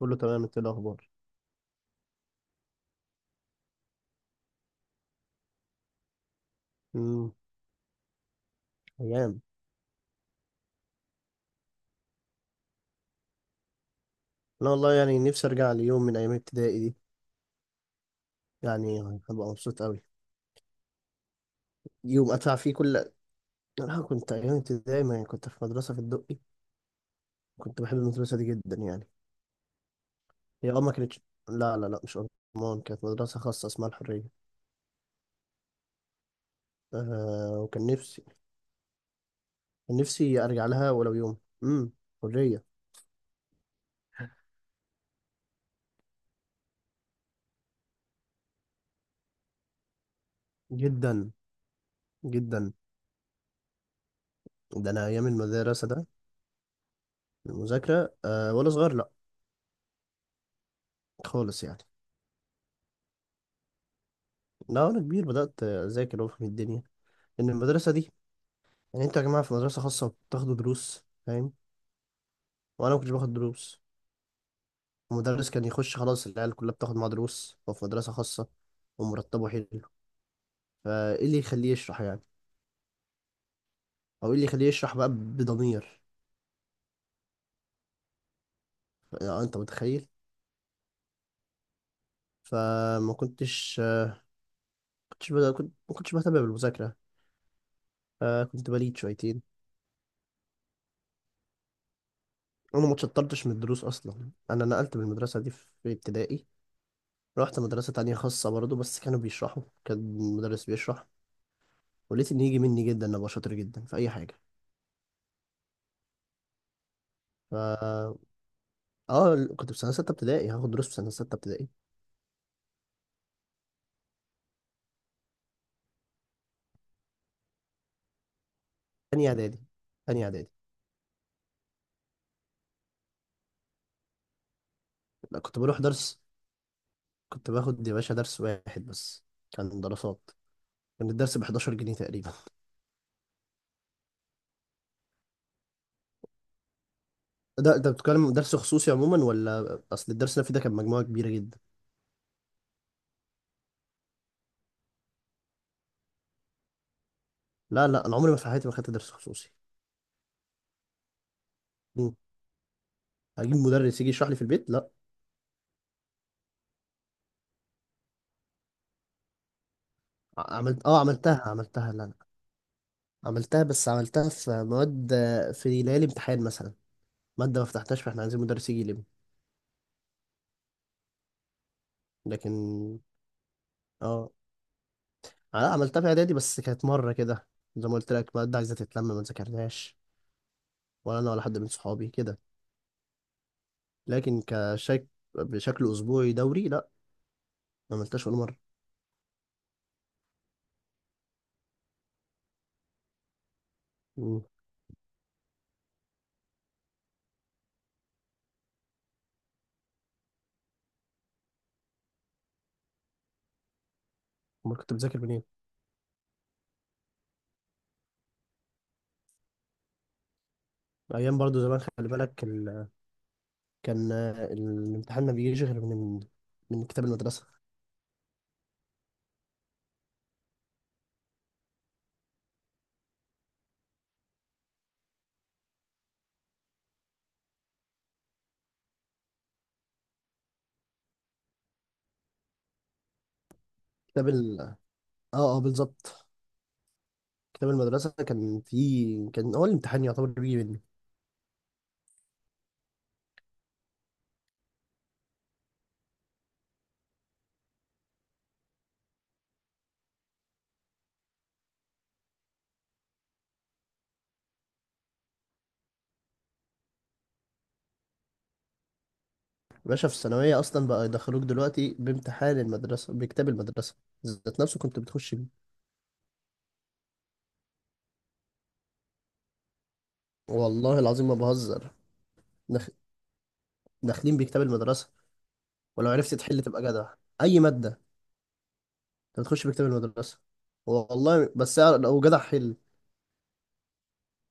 كله تمام، انت ايه الاخبار؟ امم ايام. انا والله يعني نفسي ارجع ليوم من ايام ابتدائي دي. يعني هبقى مبسوط قوي. يوم ادفع فيه كل. انا كنت ايام ابتدائي ما كنت في مدرسه في الدقي. كنت بحب المدرسه دي جدا يعني. هي ما كانتش. لا لا لا، مش ارمان. كانت مدرسه خاصه اسمها الحريه. وكان نفسي. كان نفسي ارجع لها ولو يوم. امم حريه. جدا. جدا. ده انا ايام المدرسه ده. المذاكره وانا صغير، لا، خالص يعني. لا، وانا كبير بدات اذاكر وافهم الدنيا، ان المدرسه دي، يعني انتوا يا جماعه في مدرسه خاصه بتاخدوا دروس، فاهم؟ وانا ما كنتش باخد دروس. المدرس كان يخش خلاص، العيال كلها بتاخد معاه دروس، وفي مدرسه خاصه ومرتبه حلو، فايه اللي يخليه يشرح يعني، او ايه اللي يخليه يشرح بقى بضمير؟ يعني انت متخيل. فما كنتش كنتش بد- كنت ما كنتش بهتم بالمذاكره. كنت بليد شويتين. انا ما اتشطرتش من الدروس اصلا، انا نقلت من المدرسه دي في ابتدائي. رحت مدرسه تانية خاصه برضه، بس كانوا بيشرحوا، كان المدرس بيشرح، ولقيت ان يجي مني جدا إن ابقى شاطر جدا في اي حاجه. ف اه كنت في سنه سته ابتدائي هاخد دروس في سنه سته ابتدائي. تاني اعدادي. تاني اعدادي. لا، كنت بروح درس، كنت باخد يا باشا درس واحد بس، كان دراسات. كان الدرس ب 11 جنيه تقريبا. ده انت بتتكلم درس خصوصي عموما، ولا اصل الدرس اللي أنا فيه ده كان مجموعه كبيره جدا. لا لا، انا عمري ما في حياتي ما خدت درس خصوصي. مم. هجيب مدرس يجي يشرح لي في البيت؟ لا. عملتها، لا لا، عملتها، بس عملتها في مواد، في ليالي امتحان مثلا، مادة ما فتحتهاش فاحنا عايزين مدرس يجي يلم. لكن اه انا عملتها في اعدادي بس كانت مره كده، زي ما قلت لك، ماده عايزه تتلم، ما ذاكرناش ولا انا ولا حد من صحابي كده. لكن كشك بشكل اسبوعي دوري، لا، ما عملتهاش ولا مره. مم. امال كنت بذاكر منين؟ ايام برضو زمان، خلي بالك، كان الامتحان ما بيجيش غير من كتاب المدرسه. كتاب ال... اه اه، بالظبط. كتاب المدرسه كان هو الامتحان يعتبر بيجي. باشا، في الثانوية أصلا بقى يدخلوك دلوقتي بامتحان المدرسة، بكتاب المدرسة ذات نفسه كنت بتخش بيه، والله العظيم ما بهزر. داخ- داخلين بكتاب المدرسة، ولو عرفت تحل تبقى جدع. أي مادة، أنت بتخش بكتاب المدرسة، والله. بس لو جدع، حل.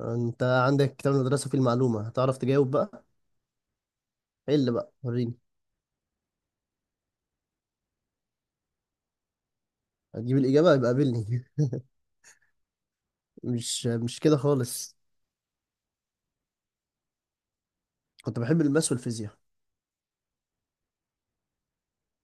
أنت عندك كتاب المدرسة فيه المعلومة، هتعرف تجاوب بقى. حل بقى وريني. هتجيب الإجابة يبقى قابلني. مش كده خالص. كنت بحب الماس والفيزياء،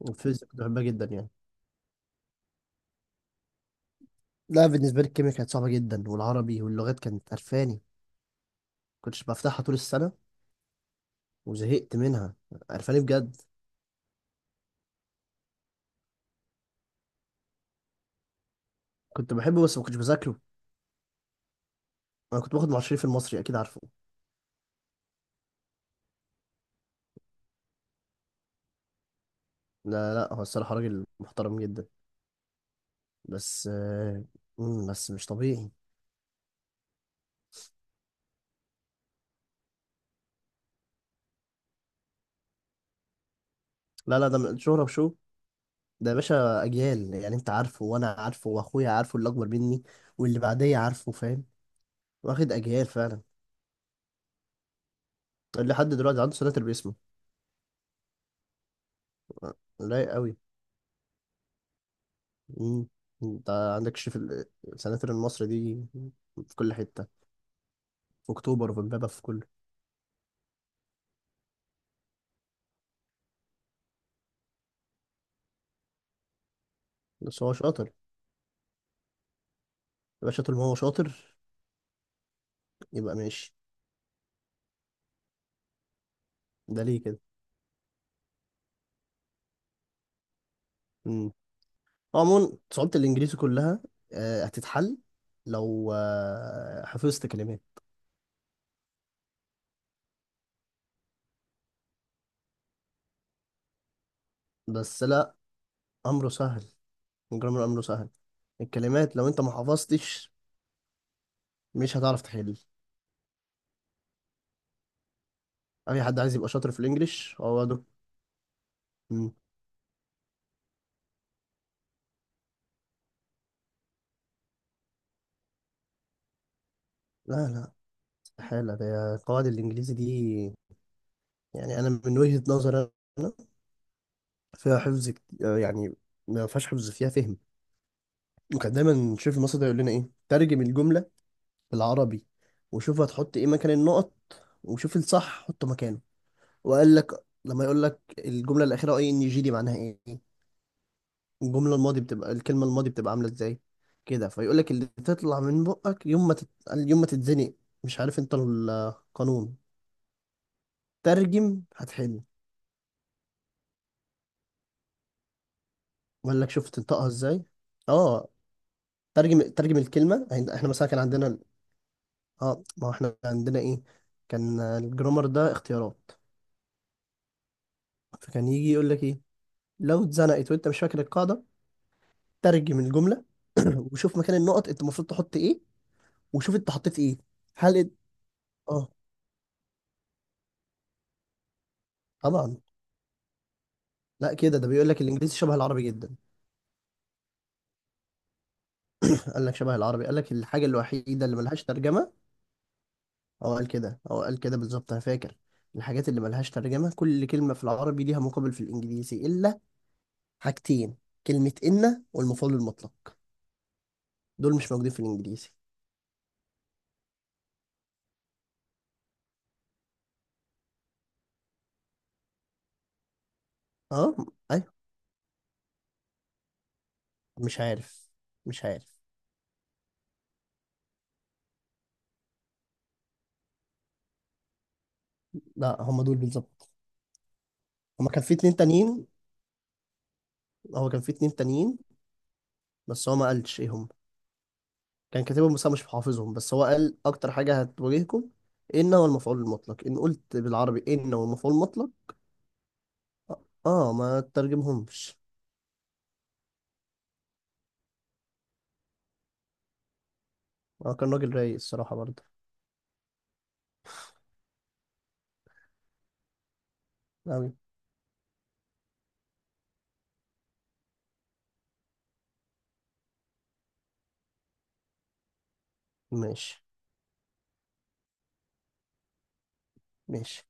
والفيزياء كنت بحبها جدا يعني. لا، بالنسبة لي الكيمياء كانت صعبة جدا، والعربي واللغات كانت قرفاني، كنتش بفتحها طول السنة وزهقت منها، عرفاني بجد. كنت بحبه بس ما كنتش بذاكره. انا كنت باخد معشرين في المصري، اكيد عارفه. لا لا، هو الصراحة راجل محترم جدا. بس مم، بس مش طبيعي. لا لا، ده من شهرة وشو. ده يا باشا اجيال، يعني انت عارفه وانا عارفه واخويا عارفه اللي اكبر مني واللي بعديه عارفه، فاهم؟ واخد اجيال فعلا، اللي حد دلوقتي عنده سناتر باسمه. آه، رايق قوي. مم. انت عندك شريف السناتر المصري دي في كل حتة، في اكتوبر وفي امبابة، في كله. بس هو شاطر، يبقى شاطر، ما هو شاطر، يبقى ماشي. ده ليه كده؟ امم عموما صعوبة الإنجليزي كلها هتتحل لو حفظت كلمات. بس لا، أمره سهل، الجرامر أمره سهل. الكلمات لو أنت ما حفظتش مش هتعرف تحل. أي حد عايز يبقى شاطر في الإنجليش، هو ده. مم. لا لا، استحالة. ده قواعد الإنجليزي دي يعني، أنا من وجهة نظري أنا، فيها حفظ يعني ما فيهاش حفظ، فيها فهم. وكان دايما شيف مصر ده يقول لنا إيه؟ ترجم الجملة بالعربي، وشوف هتحط ايه مكان النقط، وشوف الصح حطه مكانه. وقال لك لما يقول لك الجمله الاخيره ING دي معناها ايه، الجمله الماضي بتبقى الكلمه الماضي بتبقى عامله ازاي، كده، فيقول لك اللي تطلع من بقك يوم ما يوم ما تتزنق، مش عارف انت القانون، ترجم، هتحل. وقال لك شوف تنطقها ازاي. اه، ترجم ترجم الكلمه. يعني احنا مثلا كان عندنا اه ما هو احنا عندنا ايه؟ كان الجرامر ده اختيارات، فكان يجي يقول لك ايه، لو اتزنقت وانت مش فاكر القاعده، ترجم الجمله وشوف مكان النقط انت المفروض تحط ايه، وشوف انت حطيت ايه، هل انت، اه، طبعا. لا، كده، ده بيقول لك الانجليزي شبه العربي جدا، قال لك شبه العربي، قال لك الحاجه الوحيده اللي ملهاش ترجمه، هو قال كده، هو قال كده بالظبط، انا فاكر. الحاجات اللي ملهاش ترجمه، كل كلمه في العربي ليها مقابل في الانجليزي الا حاجتين: كلمه ان والمفعول المطلق، دول مش موجودين في الانجليزي. اه، ايوه، مش عارف، مش عارف. لا، هم دول بالظبط. هما كان في اتنين تانيين هو كان في اتنين تانيين، بس هو ما قالش ايه هم، كان كاتبهم بس أنا مش حافظهم. بس هو قال اكتر حاجه هتواجهكم ان هو المفعول المطلق، ان قلت بالعربي ان هو المفعول المطلق. ما تترجمهمش. اه، كان راجل رايق الصراحه برضه، أوي. ماشي ماشي.